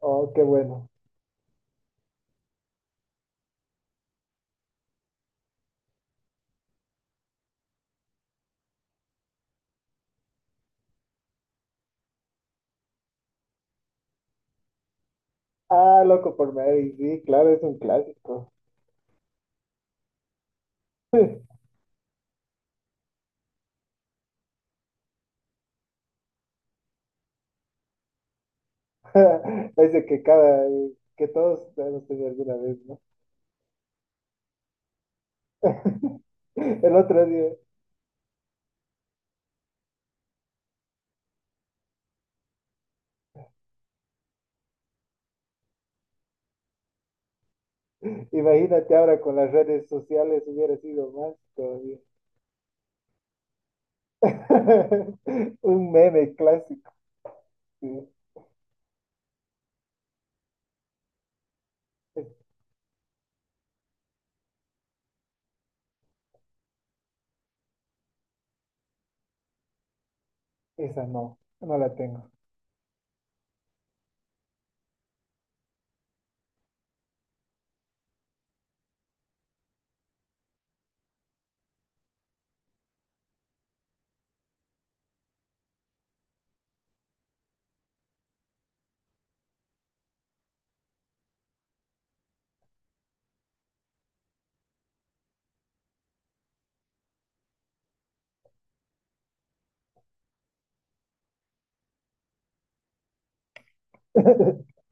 Oh, qué bueno. Ah, loco por Mary, sí, claro, es un clásico. Es de que cada, que todos hemos tenido alguna vez, ¿no? El otro día, imagínate ahora con las redes sociales hubiera sido más todavía. Un meme clásico. Sí. Es- esa no la tengo.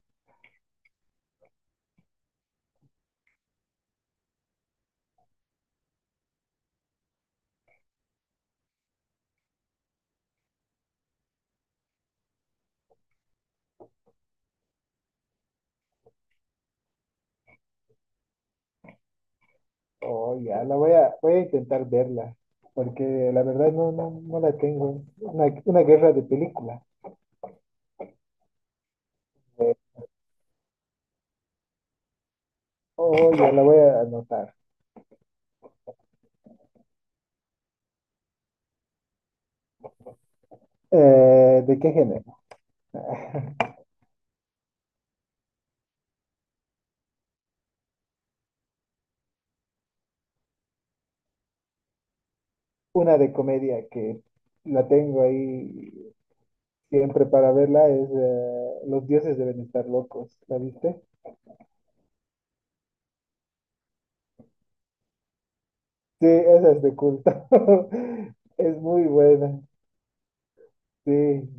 Oh, ya, voy a intentar verla, porque la verdad no la tengo. Una guerra de película. Oh, ya la voy a anotar. ¿De qué género? Una de comedia que la tengo ahí siempre para verla es Los dioses deben estar locos, ¿la viste? Sí, esa es de culto. Es muy buena, sí,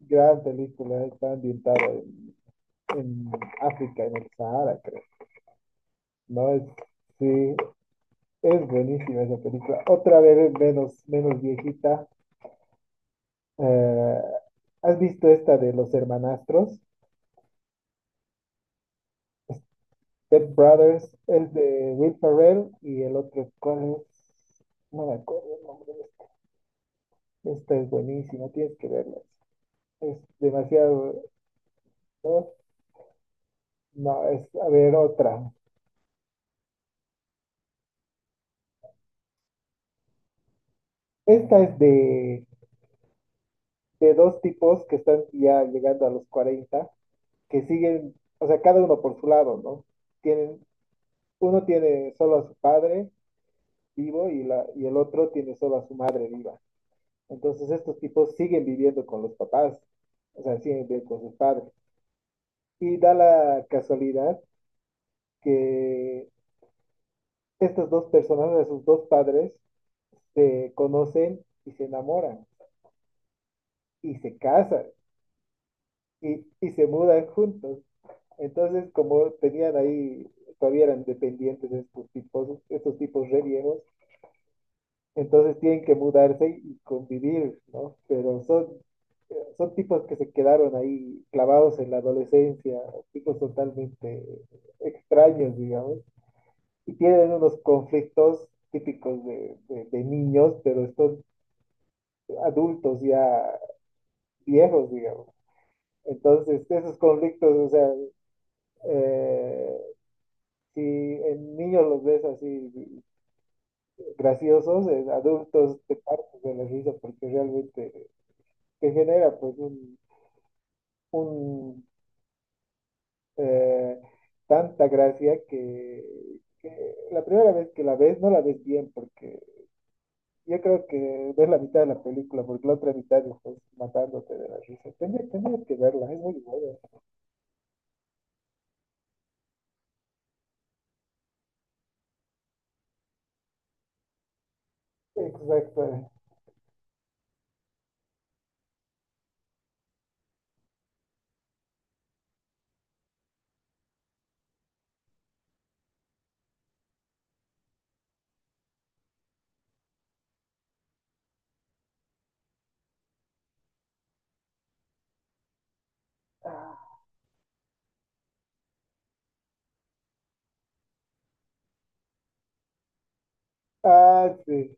gran película, está ambientada en África, en el Sahara, creo. No, es, sí, es buenísima esa película. Otra vez menos, menos viejita. eh, ¿Has visto esta de los hermanastros? Step Brothers es de Will Ferrell y el otro, ¿cuál es? No me acuerdo el nombre de este. Esta es buenísima, tienes que verla. Es demasiado. No, no, es, a ver, otra. Esta es de dos tipos que están ya llegando a los 40, que siguen, o sea, cada uno por su lado, ¿no? Tienen, uno tiene solo a su padre vivo y, la, y el otro tiene solo a su madre viva. Entonces estos tipos siguen viviendo con los papás, o sea, siguen viviendo con sus padres. Y da la casualidad que estas dos personas, de sus dos padres, se conocen y se enamoran y se casan y se mudan juntos. Entonces, como tenían ahí, todavía eran dependientes de estos tipos re viejos, entonces tienen que mudarse y convivir, ¿no? Pero son, son tipos que se quedaron ahí clavados en la adolescencia, tipos totalmente extraños, digamos. Y tienen unos conflictos típicos de, de niños, pero estos adultos ya viejos, digamos. Entonces, esos conflictos, o sea, eh, si en niños los ves así graciosos, en adultos te partes de la risa porque realmente te genera pues un, eh, tanta gracia que la primera vez que la ves no la ves bien porque yo creo que ves la mitad de la película, porque la otra mitad estás matándote de la risa. Tenías que verla, es muy buena. Exacto. Ah, sí,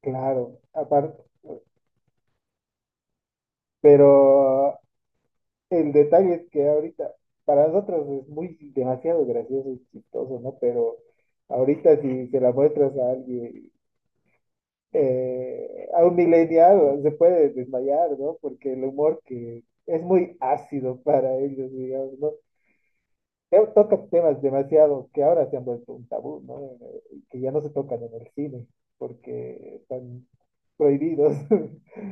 claro. Aparte, pero el detalle es que ahorita, para nosotros es muy demasiado gracioso y chistoso, ¿no? Pero ahorita si se la muestras a alguien, a un millennial, se puede desmayar, ¿no? Porque el humor que es muy ácido para ellos, digamos, ¿no? Toca temas demasiado que ahora se han vuelto un tabú, ¿no? Que ya no se tocan en el cine porque están prohibidos.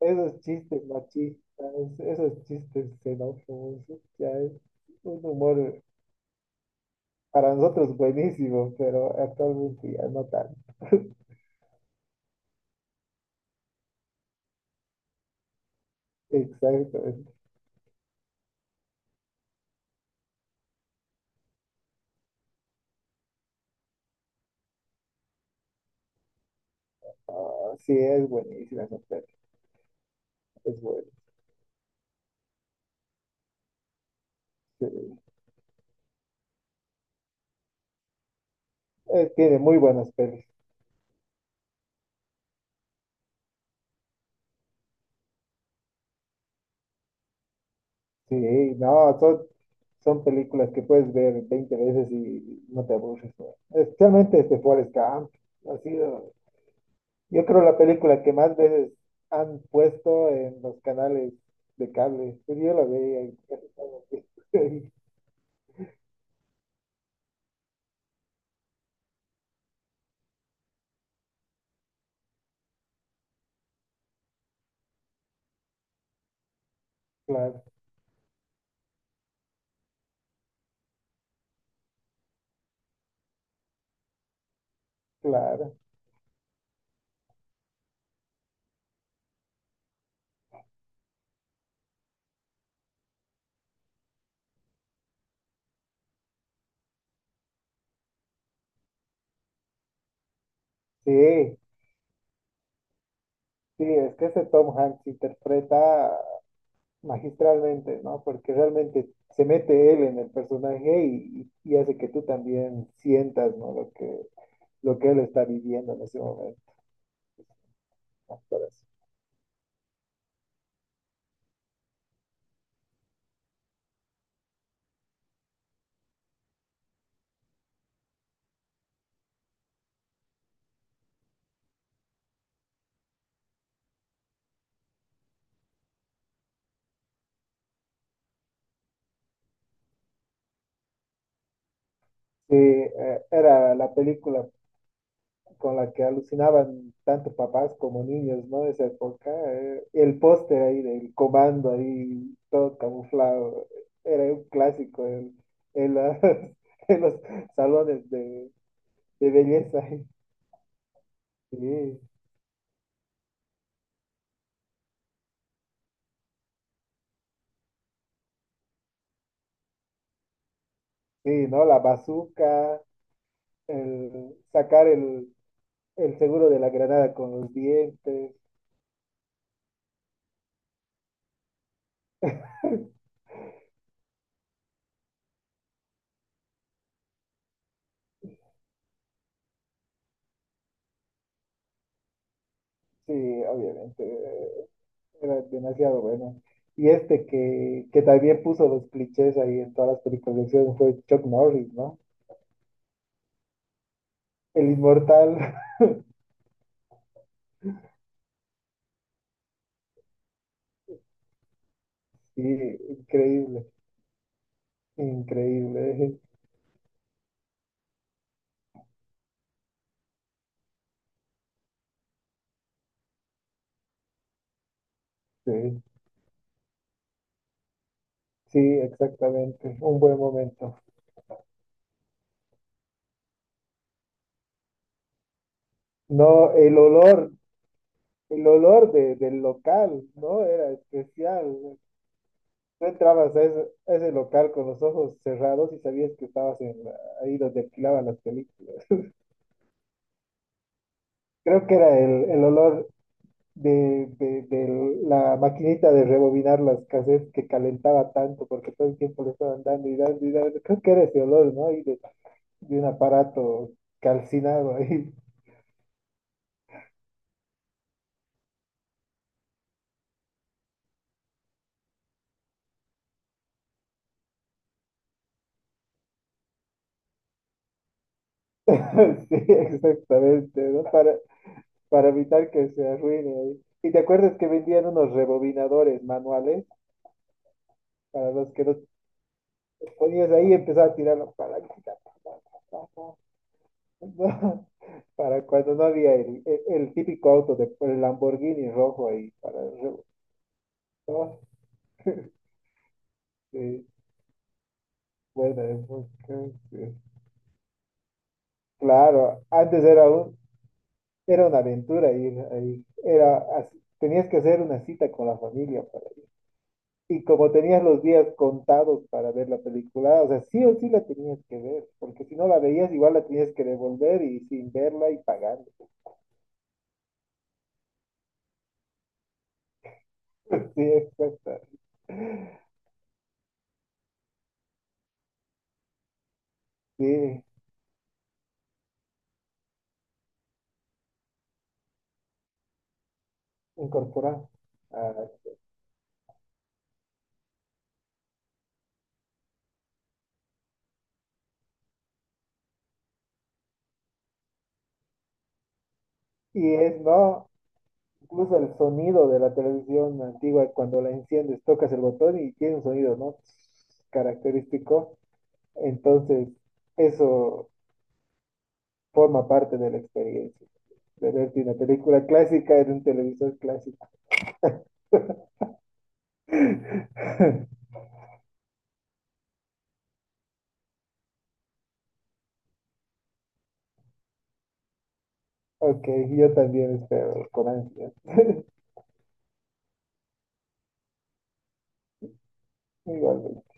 Esos chistes machistas, esos chistes xenófobos, ya es un humor para nosotros buenísimo, pero actualmente ya no tanto. Exacto. Es- ah, sí, es buenísima esa peli, es bueno. Sí, tiene muy buenas pelis. Sí, no, son, son películas que puedes ver 20 veces y no te aburres, ¿no? Especialmente este Forrest Gump. ¿No? Ha sido, yo creo, la película que más veces han puesto en los canales de cable. Pues yo la veía y casi todo el tiempo. Claro, claro. Sí, sí, es que ese Tom Hanks interpreta magistralmente, ¿no? Porque realmente se mete él en el personaje y hace que tú también sientas, ¿no? Lo que él está viviendo en ese momento. ¿No? Por eso. Sí, era la película con la que alucinaban tanto papás como niños, ¿no? De esa época. El póster ahí del comando ahí, todo camuflado, era un clásico en la- en los salones de belleza. Sí, sí, ¿no? La bazuca, el sacar el seguro de la granada con los dientes. Sí, obviamente. Era demasiado bueno. Y este que también puso los clichés ahí en todas las películas de acción fue Chuck Norris, ¿no? El inmortal. Sí, increíble, increíble. Sí, sí, exactamente. Un buen momento. No, el olor de, del local, ¿no? Era especial. Tú entrabas a ese local con los ojos cerrados y sabías que estabas en la- ahí donde alquilaban las películas. Creo que era el olor de la maquinita de rebobinar las cassettes que calentaba tanto porque todo el tiempo le estaban dando y dando y dando. Creo que era ese olor, ¿no? Y de un aparato calcinado ahí. Sí, exactamente, ¿no? Para evitar que se arruine ahí. Y te acuerdas que vendían unos rebobinadores manuales para los que los ponías ahí y empezaba a tirar la palanquita. Para cuando no había el, el típico auto de el Lamborghini rojo ahí para re- oh, sí, buena época, sí. Claro, antes era un, era una aventura ir ahí. Era así, tenías que hacer una cita con la familia para ir. Y como tenías los días contados para ver la película, o sea, sí o sí la tenías que ver, porque si no la veías, igual la tenías que devolver y sin verla y pagando. Sí, sí, incorporar. Ah, y es, ¿no? Incluso el sonido de la televisión antigua, cuando la enciendes, tocas el botón y tiene un sonido, ¿no? Característico. Entonces, eso forma parte de la experiencia, de verte una película clásica en un televisor clásico. Ok, yo también espero, con ansias. Igualmente.